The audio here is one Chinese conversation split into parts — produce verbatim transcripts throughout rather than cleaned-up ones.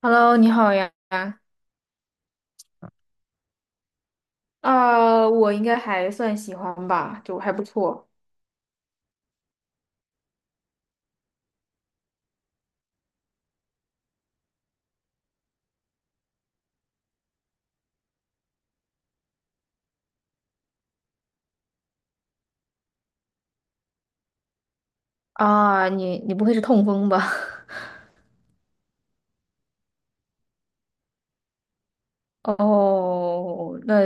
Hello，你好呀。啊我应该还算喜欢吧，就还不错。啊，你你不会是痛风吧？哦，那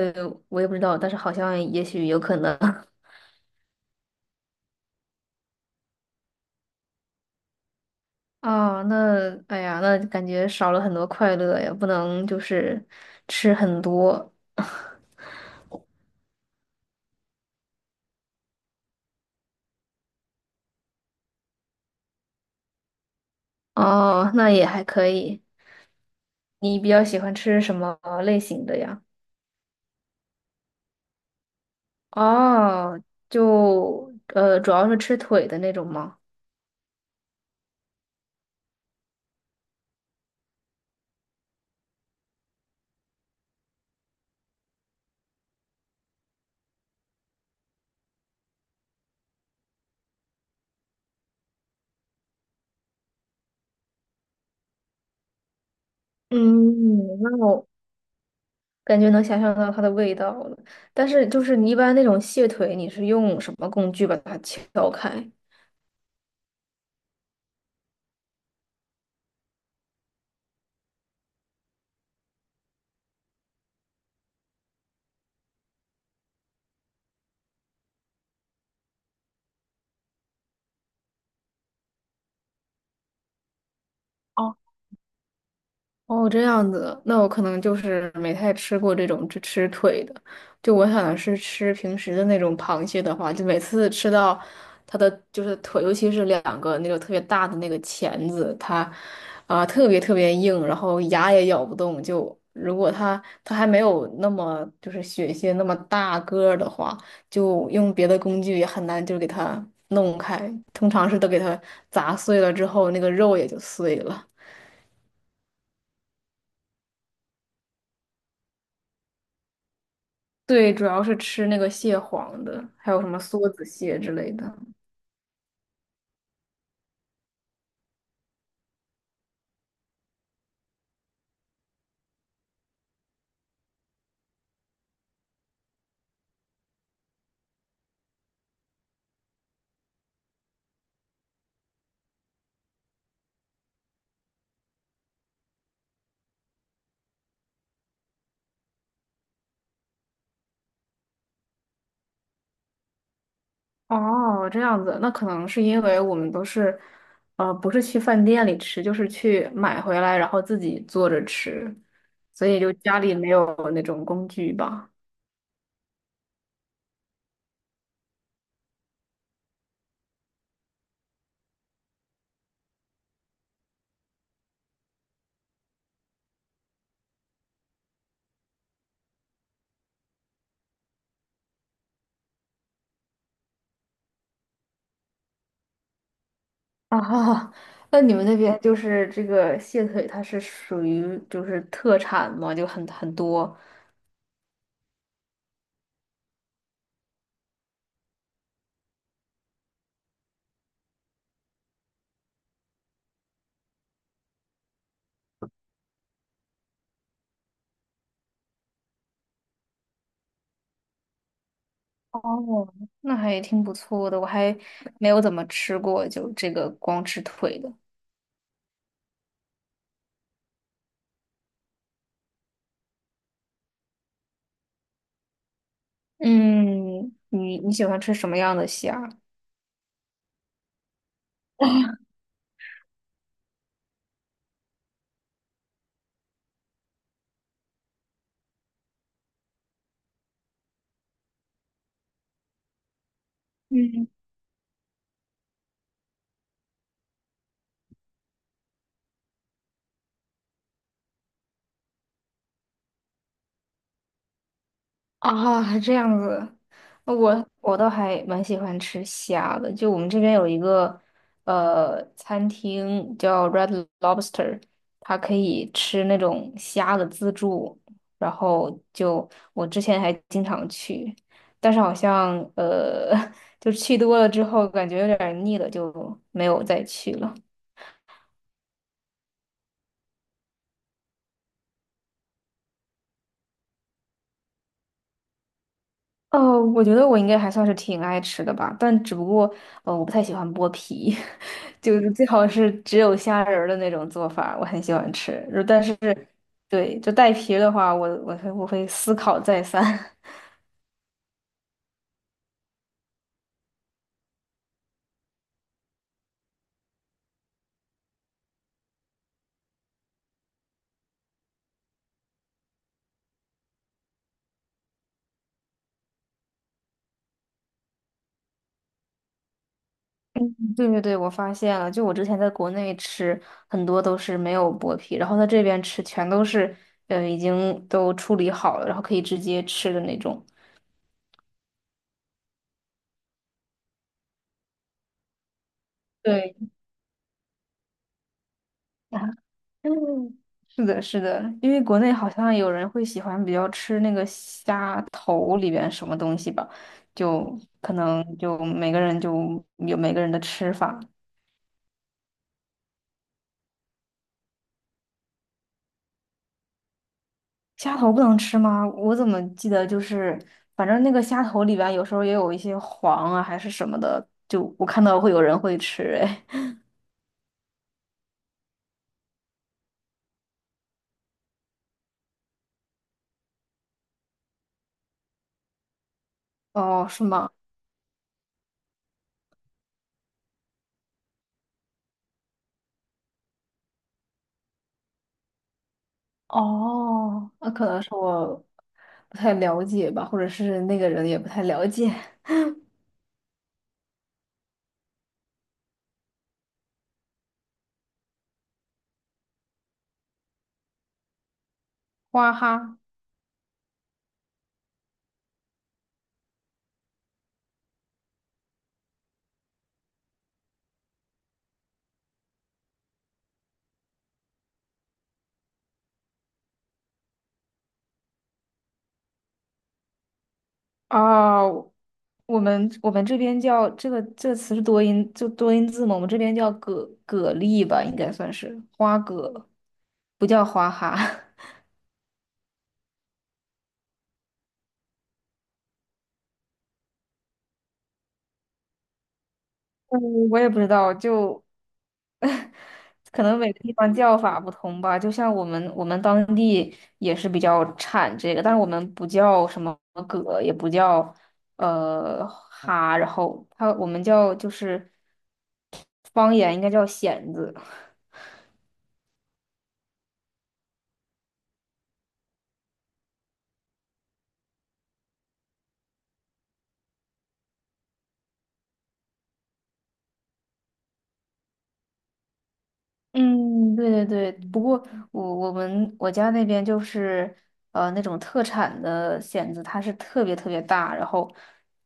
我也不知道，但是好像也许有可能。啊，那哎呀，那感觉少了很多快乐呀，不能就是吃很多。哦，那也还可以。你比较喜欢吃什么类型的呀？哦，就呃，主要是吃腿的那种吗？嗯，那我感觉能想象到它的味道了。但是就是你一般那种蟹腿，你是用什么工具把它敲开？哦，这样子，那我可能就是没太吃过这种只吃腿的，就我想的是吃平时的那种螃蟹的话，就每次吃到它的就是腿，尤其是两个那种特别大的那个钳子，它啊、特别特别硬，然后牙也咬不动。就如果它它还没有那么就是血蟹那么大个儿的话，就用别的工具也很难就给它弄开，通常是都给它砸碎了之后，那个肉也就碎了。对，主要是吃那个蟹黄的，还有什么梭子蟹之类的。哦，这样子，那可能是因为我们都是，呃，不是去饭店里吃，就是去买回来，然后自己做着吃，所以就家里没有那种工具吧。哦，那你们那边就是这个蟹腿，它是属于就是特产嘛，就很很多。哦，那还挺不错的，我还没有怎么吃过，就这个光吃腿的。嗯，你你喜欢吃什么样的虾？嗯，啊，还这样子，呃我我倒还蛮喜欢吃虾的。就我们这边有一个呃餐厅叫 Red Lobster，它可以吃那种虾的自助，然后就我之前还经常去，但是好像呃 就去多了之后感觉有点儿腻了，就没有再去了。哦，我觉得我应该还算是挺爱吃的吧，但只不过呃，我不太喜欢剥皮，就是最好是只有虾仁儿的那种做法，我很喜欢吃。如但是，对，就带皮儿的话，我我会我会思考再三。嗯对对对，我发现了，就我之前在国内吃很多都是没有剥皮，然后在这边吃全都是呃已经都处理好了，然后可以直接吃的那种。对。嗯，是的，是的，因为国内好像有人会喜欢比较吃那个虾头里边什么东西吧，就可能就每个人就有每个人的吃法。虾头不能吃吗？我怎么记得就是，反正那个虾头里边有时候也有一些黄啊还是什么的，就我看到会有人会吃，哎，哦，是吗？哦，那可能是我不太了解吧，或者是那个人也不太了解。哇哈。啊，我们我们这边叫这个这个词是多音，就多音字嘛，我们这边叫蛤蛤蜊吧，应该算是花蛤，不叫花蛤。嗯，我也不知道，就 可能每个地方叫法不同吧。就像我们我们当地也是比较产这个，但是我们不叫什么蛤，也不叫呃蛤，然后它我们叫就是方言应该叫蚬子。嗯，对对对，不过我我们我家那边就是呃那种特产的蚬子，它是特别特别大，然后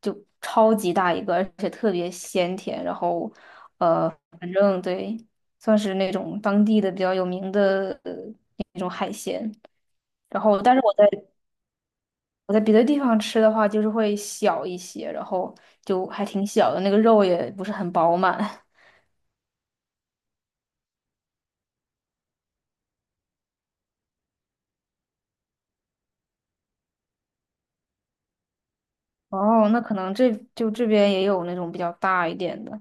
就超级大一个，而且特别鲜甜，然后呃反正对，算是那种当地的比较有名的呃那种海鲜。然后，但是我在我在别的地方吃的话，就是会小一些，然后就还挺小的，那个肉也不是很饱满。哦，那可能这就这边也有那种比较大一点的。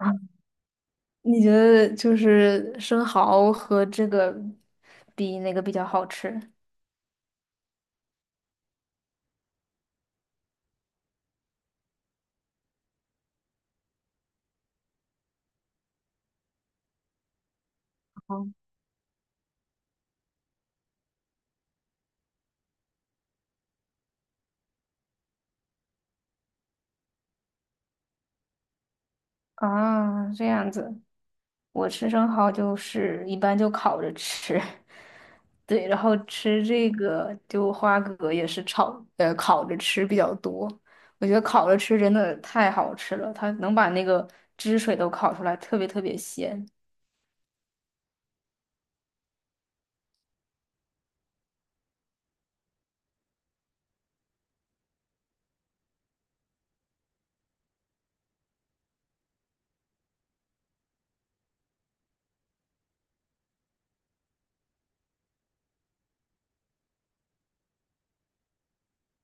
啊，你觉得就是生蚝和这个比哪个比较好吃？哦，啊，这样子，我吃生蚝就是一般就烤着吃，对，然后吃这个就花蛤也是炒，呃，烤着吃比较多。我觉得烤着吃真的太好吃了，它能把那个汁水都烤出来，特别特别鲜。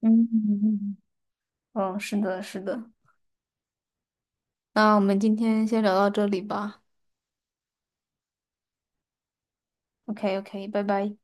嗯嗯，嗯，是的，是的。那我们今天先聊到这里吧。OK，OK，拜拜。